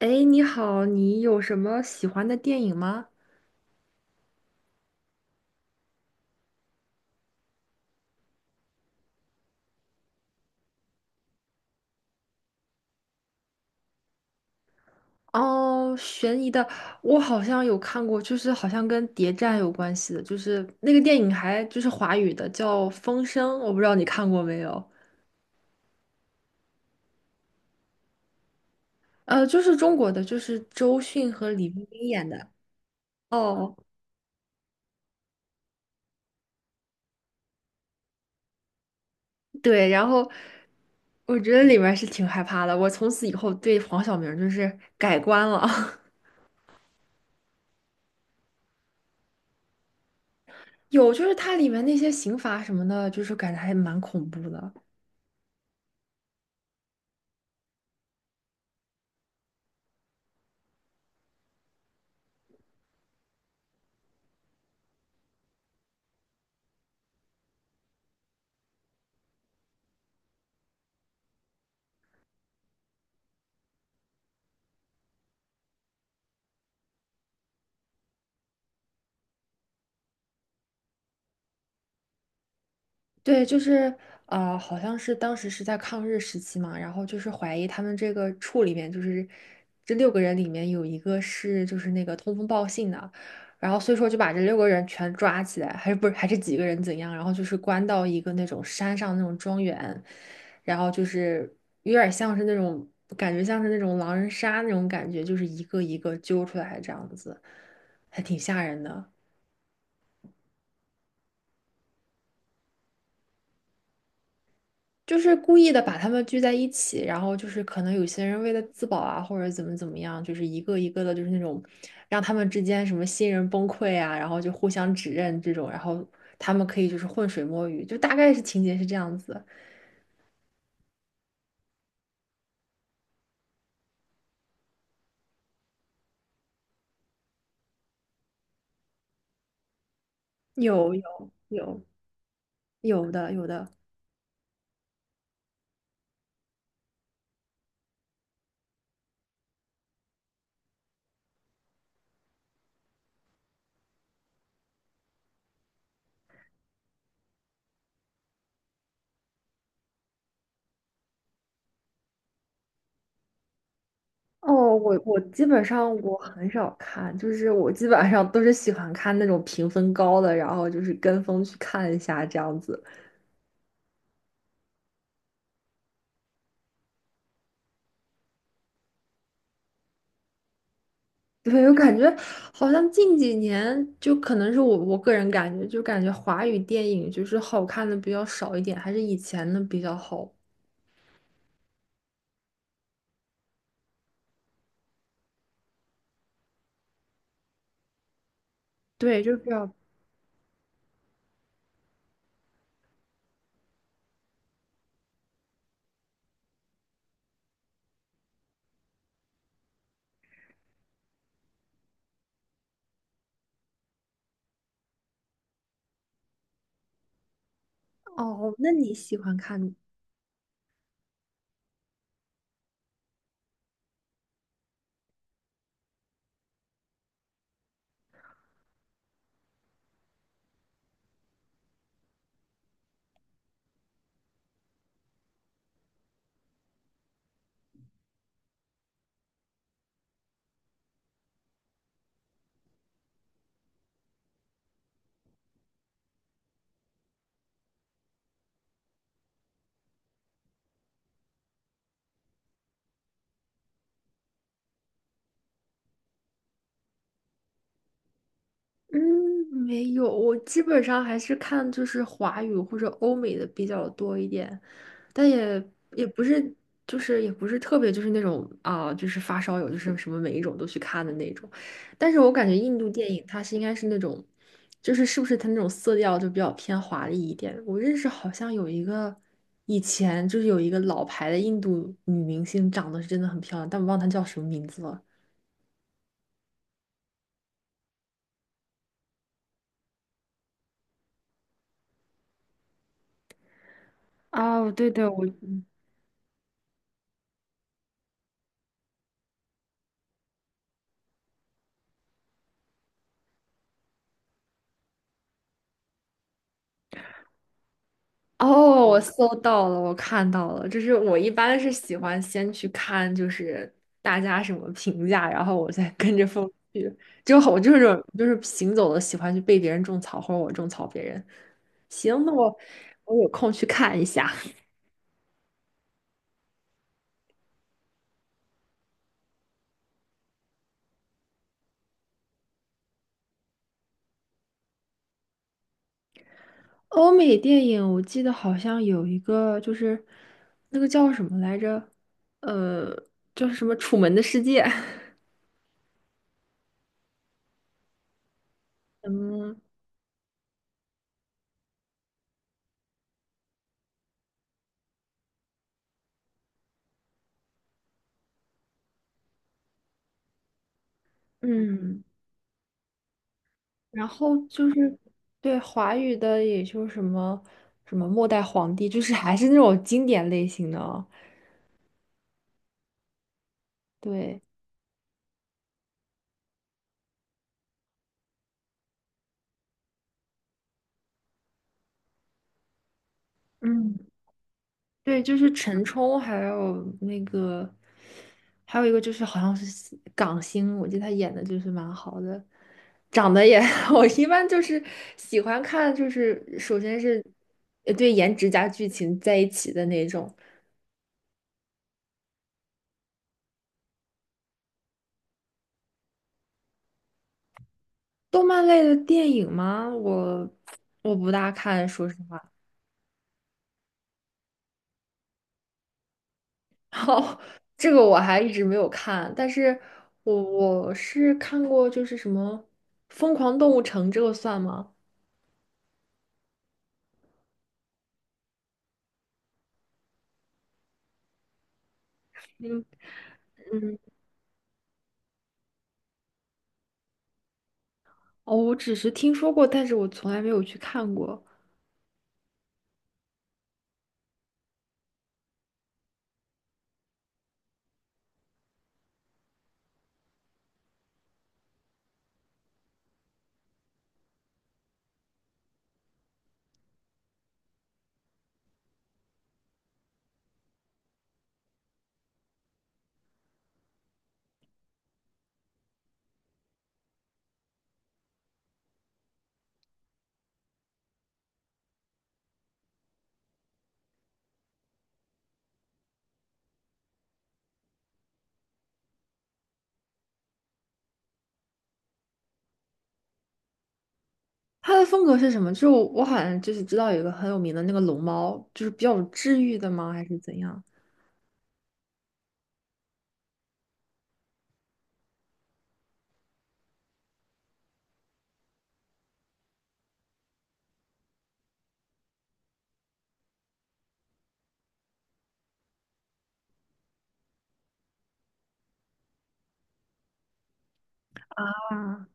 哎，你好，你有什么喜欢的电影吗？哦，悬疑的，我好像有看过，就是好像跟谍战有关系的，就是那个电影还就是华语的，叫《风声》，我不知道你看过没有？呃，就是中国的，就是周迅和李冰冰演的。哦，对，然后我觉得里面是挺害怕的，我从此以后对黄晓明就是改观了。有，就是它里面那些刑罚什么的，就是感觉还蛮恐怖的。对，就是好像是当时是在抗日时期嘛，然后就是怀疑他们这个处里面，就是这六个人里面有一个是就是那个通风报信的，然后所以说就把这六个人全抓起来，还是不是还是几个人怎样，然后就是关到一个那种山上那种庄园，然后就是有点像是那种感觉像是那种狼人杀那种感觉，就是一个一个揪出来这样子，还挺吓人的。就是故意的把他们聚在一起，然后就是可能有些人为了自保啊，或者怎么怎么样，就是一个一个的，就是那种让他们之间什么新人崩溃啊，然后就互相指认这种，然后他们可以就是浑水摸鱼，就大概是情节是这样子。有有有有的有的哦，我基本上我很少看，就是我基本上都是喜欢看那种评分高的，然后就是跟风去看一下这样子。对，我感觉好像近几年，就可能是我个人感觉，就感觉华语电影就是好看的比较少一点，还是以前的比较好。对，就是比较哦。那你喜欢看？嗯，没有，我基本上还是看就是华语或者欧美的比较多一点。但也也不是，就是也不是特别，就是那种啊、就是发烧友，就是什么每一种都去看的那种。但是我感觉印度电影它是应该是那种，就是是不是它那种色调就比较偏华丽一点。我认识好像有一个以前就是有一个老牌的印度女明星，长得是真的很漂亮，但我忘了她叫什么名字了。哦，对对，我哦，我搜到了，我看到了，就是我一般是喜欢先去看，就是大家什么评价，然后我再跟着风去。就好我就是这种就是行走的，喜欢去被别人种草，或者我种草别人。行，那我我有空去看一下。欧美电影我记得好像有一个，就是那个叫什么来着？呃，就是什么《楚门的世界》嗯，嗯。然后就是对华语的，也就什么什么末代皇帝，就是还是那种经典类型的哦。对，嗯，对，就是陈冲，还有那个，还有一个就是好像是港星，我记得他演的就是蛮好的，长得也，我一般就是喜欢看，就是首先是对颜值加剧情在一起的那种动漫类的电影吗？我不大看，说实话。哦，这个我还一直没有看，但是我是看过，就是什么《疯狂动物城》，这个算吗？嗯，嗯，哦，我只是听说过，但是我从来没有去看过。它的风格是什么？就我好像就是知道有一个很有名的那个龙猫，就是比较治愈的吗？还是怎样？啊？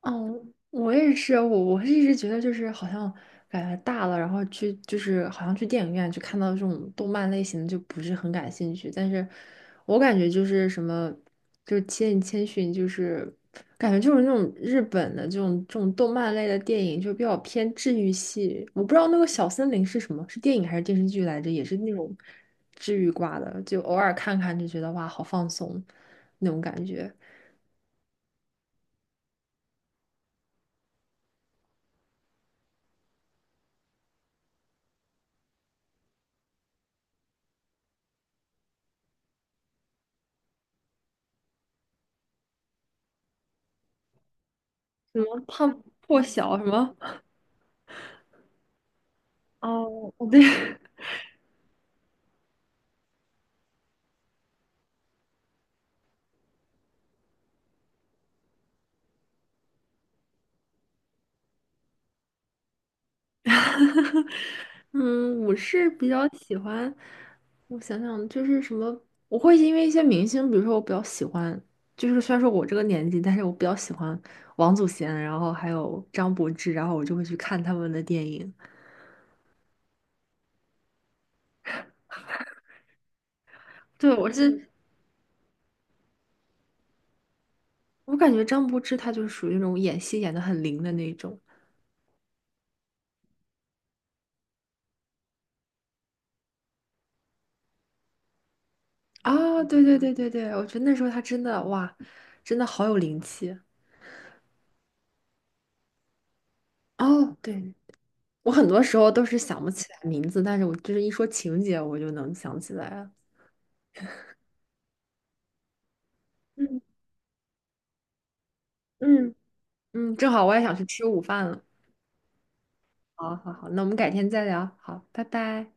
哦，我也是，我是一直觉得就是好像感觉大了，然后去就是好像去电影院去看到这种动漫类型的就不是很感兴趣，但是我感觉就是什么就是《千与千寻》，就是感觉就是那种日本的这种这种动漫类的电影就比较偏治愈系，我不知道那个小森林是什么，是电影还是电视剧来着，也是那种治愈挂的，就偶尔看看就觉得哇好放松那种感觉，什么胖破晓什么。哦，我对，嗯，我是比较喜欢，我想想，就是什么，我会因为一些明星，比如说我比较喜欢，就是虽然说我这个年纪，但是我比较喜欢王祖贤，然后还有张柏芝，然后我就会去看他们的电影。对，我是，我感觉张柏芝她就是属于那种演戏演的很灵的那种。啊，对对对对对，我觉得那时候她真的哇，真的好有灵气。哦，对我很多时候都是想不起来名字，但是我就是一说情节，我就能想起来了。嗯嗯，嗯，正好我也想去吃午饭了。好好好，那我们改天再聊。好，拜拜。